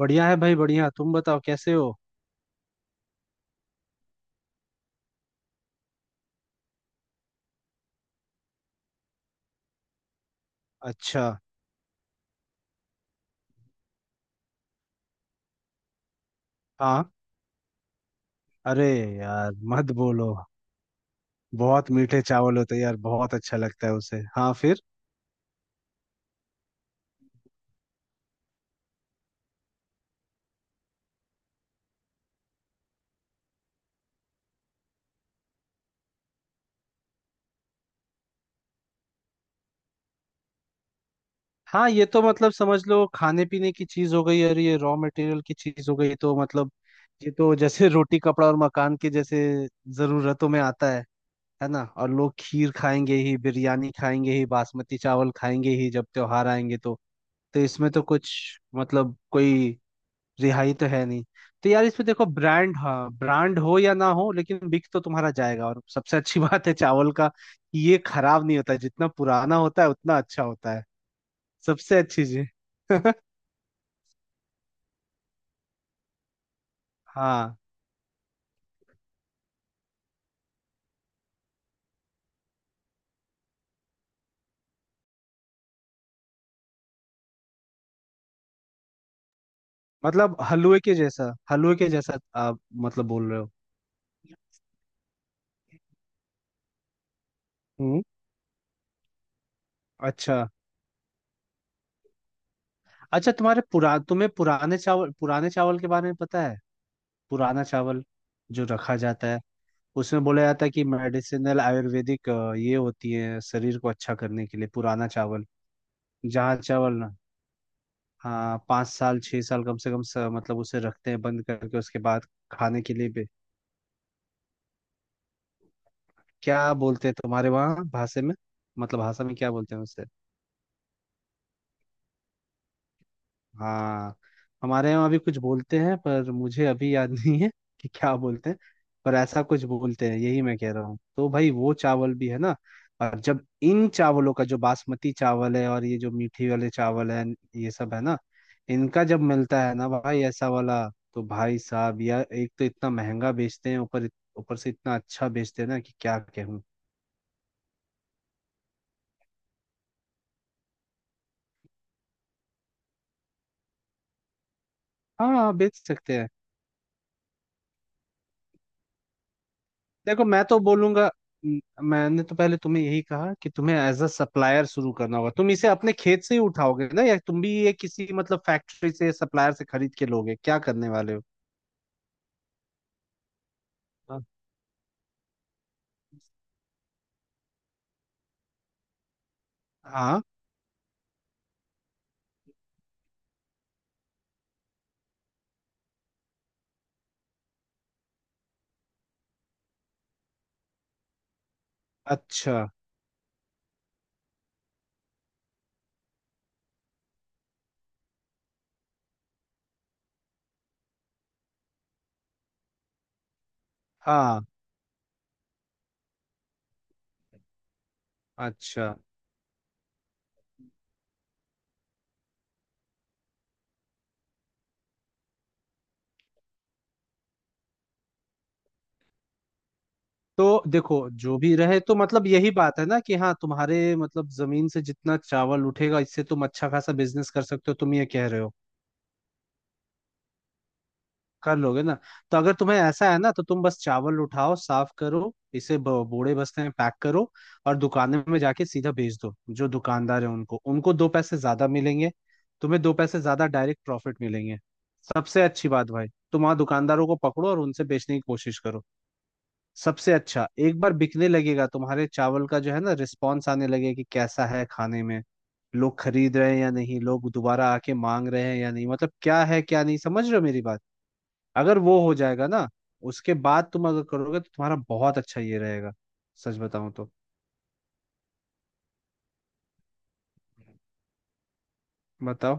बढ़िया है भाई बढ़िया। तुम बताओ कैसे हो। अच्छा। हाँ। अरे यार मत बोलो। बहुत मीठे चावल होते हैं यार। बहुत अच्छा लगता है उसे। हाँ फिर। हाँ ये तो मतलब समझ लो खाने पीने की चीज हो गई और ये रॉ मटेरियल की चीज हो गई तो मतलब ये तो जैसे रोटी कपड़ा और मकान के जैसे जरूरतों में आता है। है ना। और लोग खीर खाएंगे ही बिरयानी खाएंगे ही बासमती चावल खाएंगे ही जब त्योहार आएंगे तो। तो इसमें तो कुछ मतलब कोई रिहाई तो है नहीं। तो यार इसमें देखो ब्रांड हाँ ब्रांड हो या ना हो लेकिन बिक तो तुम्हारा जाएगा। और सबसे अच्छी बात है चावल का कि ये खराब नहीं होता है। जितना पुराना होता है उतना अच्छा होता है। सबसे अच्छी चीज। हाँ मतलब हलवे के जैसा आप मतलब बोल रहे हो। हम्म। अच्छा। अच्छा तुम्हारे पुरा तुम्हें पुराने चावल के बारे में पता है। पुराना चावल जो रखा जाता है उसमें बोला जाता है कि मेडिसिनल आयुर्वेदिक ये होती है शरीर को अच्छा करने के लिए पुराना चावल। जहाँ चावल ना। हाँ 5 साल 6 साल कम से कम मतलब उसे रखते हैं बंद करके उसके बाद खाने के लिए भी। क्या बोलते हैं तुम्हारे वहाँ भाषा में। मतलब भाषा में क्या बोलते हैं उसे। हाँ। हमारे यहाँ भी कुछ बोलते हैं पर मुझे अभी याद नहीं है कि क्या बोलते हैं। पर ऐसा कुछ बोलते हैं यही मैं कह रहा हूँ। तो भाई वो चावल भी है ना। और जब इन चावलों का जो बासमती चावल है और ये जो मीठी वाले चावल है ये सब है ना इनका जब मिलता है ना भाई ऐसा वाला तो भाई साहब यार एक तो इतना महंगा बेचते हैं ऊपर। ऊपर से इतना अच्छा बेचते हैं ना कि क्या कहूँ। हाँ बेच सकते हैं। देखो मैं तो बोलूंगा। म- मैंने तो पहले तुम्हें यही कहा कि तुम्हें एज अ सप्लायर शुरू करना होगा। तुम इसे अपने खेत से ही उठाओगे ना या तुम भी ये किसी मतलब फैक्ट्री से सप्लायर से खरीद के लोगे क्या करने वाले हो। हाँ हाँ। अच्छा। हाँ अच्छा। तो देखो जो भी रहे तो मतलब यही बात है ना कि हाँ तुम्हारे मतलब जमीन से जितना चावल उठेगा इससे तुम अच्छा खासा बिजनेस कर सकते हो तुम ये कह रहे हो। कर लोगे ना। तो अगर तुम्हें ऐसा है ना तो तुम बस चावल उठाओ साफ करो इसे बोड़े बस्ते में पैक करो और दुकान में जाके सीधा भेज दो। जो दुकानदार है उनको उनको दो पैसे ज्यादा मिलेंगे। तुम्हें दो पैसे ज्यादा डायरेक्ट प्रॉफिट मिलेंगे। सबसे अच्छी बात भाई तुम वहां दुकानदारों को पकड़ो और उनसे बेचने की कोशिश करो। सबसे अच्छा एक बार बिकने लगेगा तुम्हारे चावल का जो है ना रिस्पॉन्स आने लगेगा कि कैसा है खाने में लोग खरीद रहे हैं या नहीं लोग दोबारा आके मांग रहे हैं या नहीं मतलब क्या है क्या नहीं समझ रहे हो मेरी बात। अगर वो हो जाएगा ना उसके बाद तुम अगर करोगे तो तुम्हारा बहुत अच्छा ये रहेगा सच बताऊं तो। बताओ।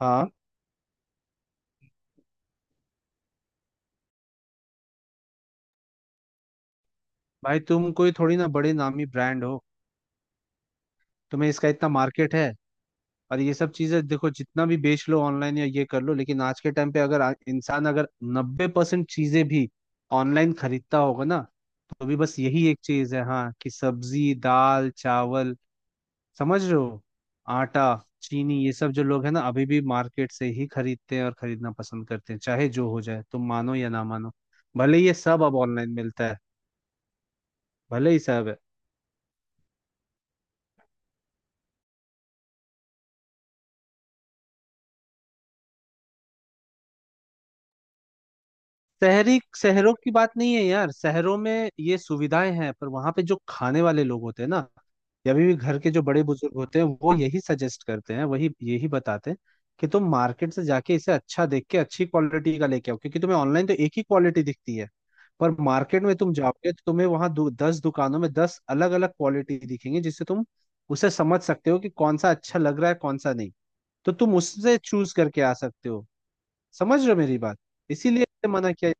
हाँ भाई तुम कोई थोड़ी ना बड़े नामी ब्रांड हो। तुम्हें इसका इतना मार्केट है। और ये सब चीजें देखो जितना भी बेच लो ऑनलाइन या ये कर लो लेकिन आज के टाइम पे अगर इंसान अगर 90% चीजें भी ऑनलाइन खरीदता होगा ना तो भी बस यही एक चीज है हाँ कि सब्जी दाल चावल समझ रहे हो। आटा चीनी ये सब जो लोग हैं ना अभी भी मार्केट से ही खरीदते हैं और खरीदना पसंद करते हैं चाहे जो हो जाए तुम मानो या ना मानो। भले ये सब अब ऑनलाइन मिलता है भले ही सब है शहरी शहरों की बात नहीं है यार। शहरों में ये सुविधाएं हैं पर वहां पे जो खाने वाले लोग होते हैं ना या अभी भी घर के जो बड़े बुजुर्ग होते हैं वो यही सजेस्ट करते हैं वही यही बताते हैं कि तुम मार्केट से जाके इसे अच्छा देख के अच्छी क्वालिटी का लेके आओ क्योंकि तुम्हें ऑनलाइन तो एक ही क्वालिटी दिखती है। पर मार्केट में तुम जाओगे तो तुम्हें वहां 10 दुकानों में 10 अलग अलग क्वालिटी दिखेंगी जिससे तुम उसे समझ सकते हो कि कौन सा अच्छा लग रहा है कौन सा नहीं। तो तुम उससे चूज करके आ सकते हो। समझ रहे हो मेरी बात। इसीलिए मना किया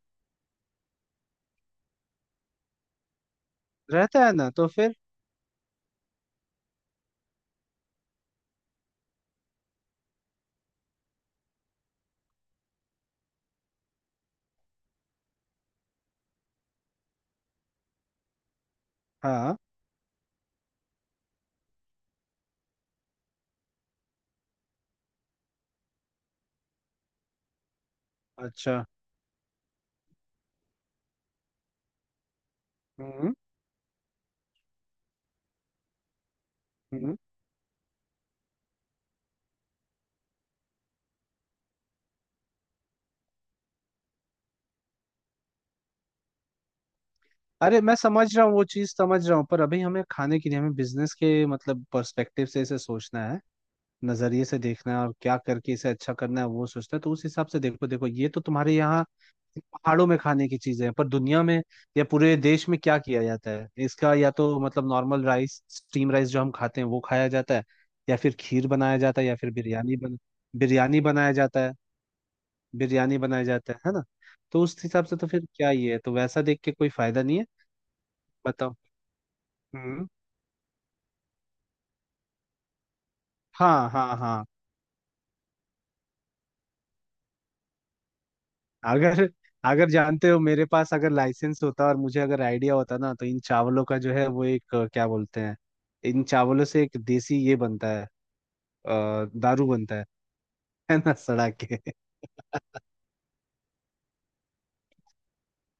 रहता है ना तो फिर। हाँ। अच्छा। हम्म। हम्म। अरे मैं समझ रहा हूँ वो चीज समझ रहा हूँ पर अभी हमें खाने के लिए हमें बिजनेस के मतलब पर्सपेक्टिव से इसे सोचना है नजरिए से देखना है और क्या करके इसे अच्छा करना है वो सोचना है। तो उस हिसाब से देखो देखो ये तो तुम्हारे यहाँ पहाड़ों में खाने की चीजें हैं। पर दुनिया में या पूरे देश में क्या किया जाता है इसका या तो मतलब नॉर्मल राइस स्टीम राइस जो हम खाते हैं वो खाया जाता है या फिर खीर बनाया जाता है या फिर बिरयानी बन बिरयानी बनाया जाता है बिरयानी बनाया जाता है ना। तो उस हिसाब से तो फिर क्या ही है तो वैसा देख के कोई फायदा नहीं है। बताओ। हम्म। हाँ हाँ हाँ। अगर अगर जानते हो मेरे पास अगर लाइसेंस होता और मुझे अगर आइडिया होता ना तो इन चावलों का जो है वो एक क्या बोलते हैं इन चावलों से एक देसी ये बनता है दारू बनता है ना सड़ा के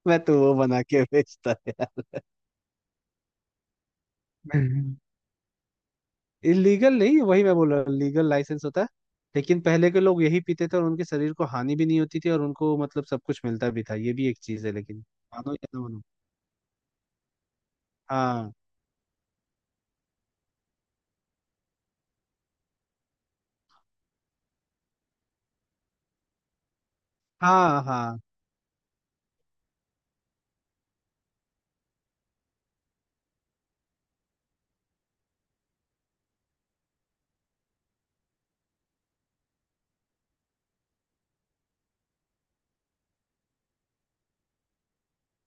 मैं तो वो बना के बेचता यार। इलीगल नहीं वही मैं बोल रहा हूँ लीगल लाइसेंस होता है। लेकिन पहले के लोग यही पीते थे और उनके शरीर को हानि भी नहीं होती थी और उनको मतलब सब कुछ मिलता भी था ये भी एक चीज है लेकिन मानो या ना मानो। हाँ हाँ हाँ।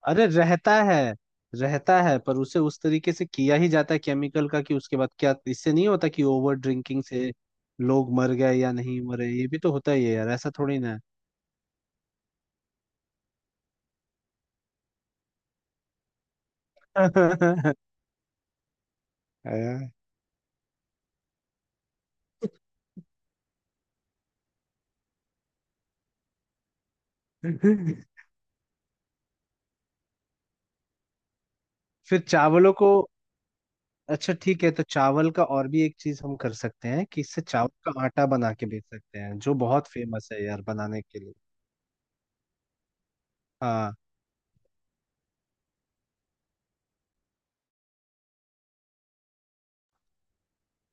अरे रहता है। रहता है पर उसे उस तरीके से किया ही जाता है केमिकल का कि उसके बाद क्या इससे नहीं होता कि ओवर ड्रिंकिंग से लोग मर गए या नहीं मरे ये भी तो होता ही है यार ऐसा थोड़ी ना है। आया। फिर चावलों को अच्छा ठीक है तो चावल का और भी एक चीज हम कर सकते हैं कि इससे चावल का आटा बना के बेच सकते हैं जो बहुत फेमस है यार बनाने के लिए। हाँ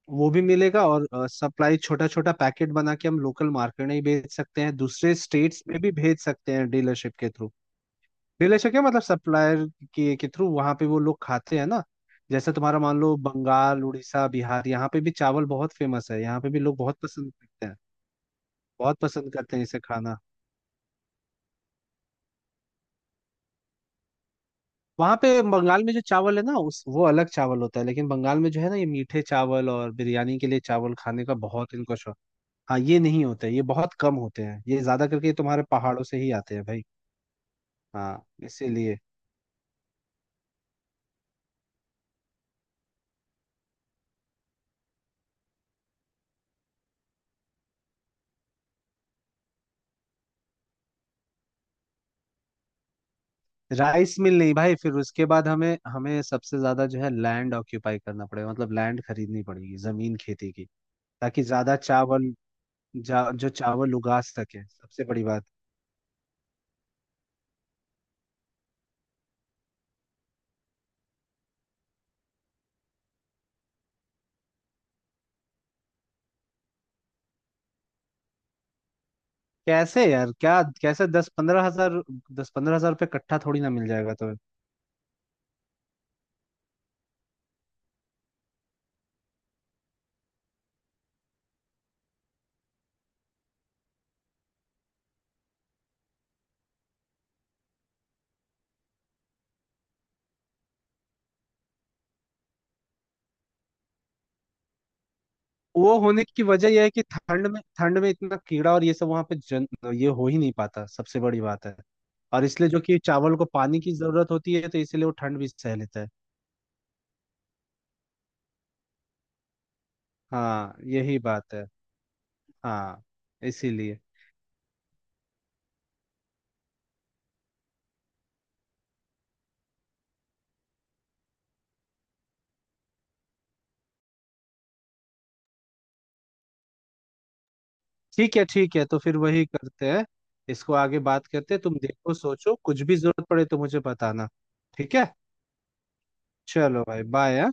वो भी मिलेगा और सप्लाई छोटा छोटा पैकेट बना के हम लोकल मार्केट में ही बेच सकते हैं। दूसरे स्टेट्स में भी भेज सकते हैं डीलरशिप के थ्रू। डीलरशिप क्या मतलब सप्लायर के थ्रू वहां पे वो लोग खाते हैं ना। जैसे तुम्हारा मान लो बंगाल उड़ीसा बिहार यहाँ पे भी चावल बहुत फेमस है यहाँ पे भी लोग बहुत पसंद करते हैं। बहुत पसंद करते हैं इसे खाना। वहां पे बंगाल में जो चावल है ना उस वो अलग चावल होता है लेकिन बंगाल में जो है ना ये मीठे चावल और बिरयानी के लिए चावल खाने का बहुत इनको शौक। हाँ ये नहीं होता है ये बहुत कम होते हैं ये ज्यादा करके ये तुम्हारे पहाड़ों से ही आते हैं भाई। हाँ इसीलिए। राइस मिल नहीं भाई फिर उसके बाद हमें हमें सबसे ज्यादा जो है लैंड ऑक्यूपाई करना पड़ेगा मतलब लैंड खरीदनी पड़ेगी जमीन खेती की ताकि ज्यादा चावल जो चावल उगा सके सबसे बड़ी बात। कैसे यार क्या कैसे दस पंद्रह हजार रुपये कट्ठा थोड़ी ना मिल जाएगा तुम्हें। वो होने की वजह यह है कि ठंड में इतना कीड़ा और ये सब वहां पे जन ये हो ही नहीं पाता सबसे बड़ी बात है। और इसलिए जो कि चावल को पानी की जरूरत होती है तो इसीलिए वो ठंड भी सह लेता है। हाँ यही बात है। हाँ इसीलिए। ठीक है तो फिर वही करते हैं। इसको आगे बात करते हैं तुम देखो सोचो कुछ भी जरूरत पड़े तो मुझे बताना। ठीक है। चलो भाई बाय।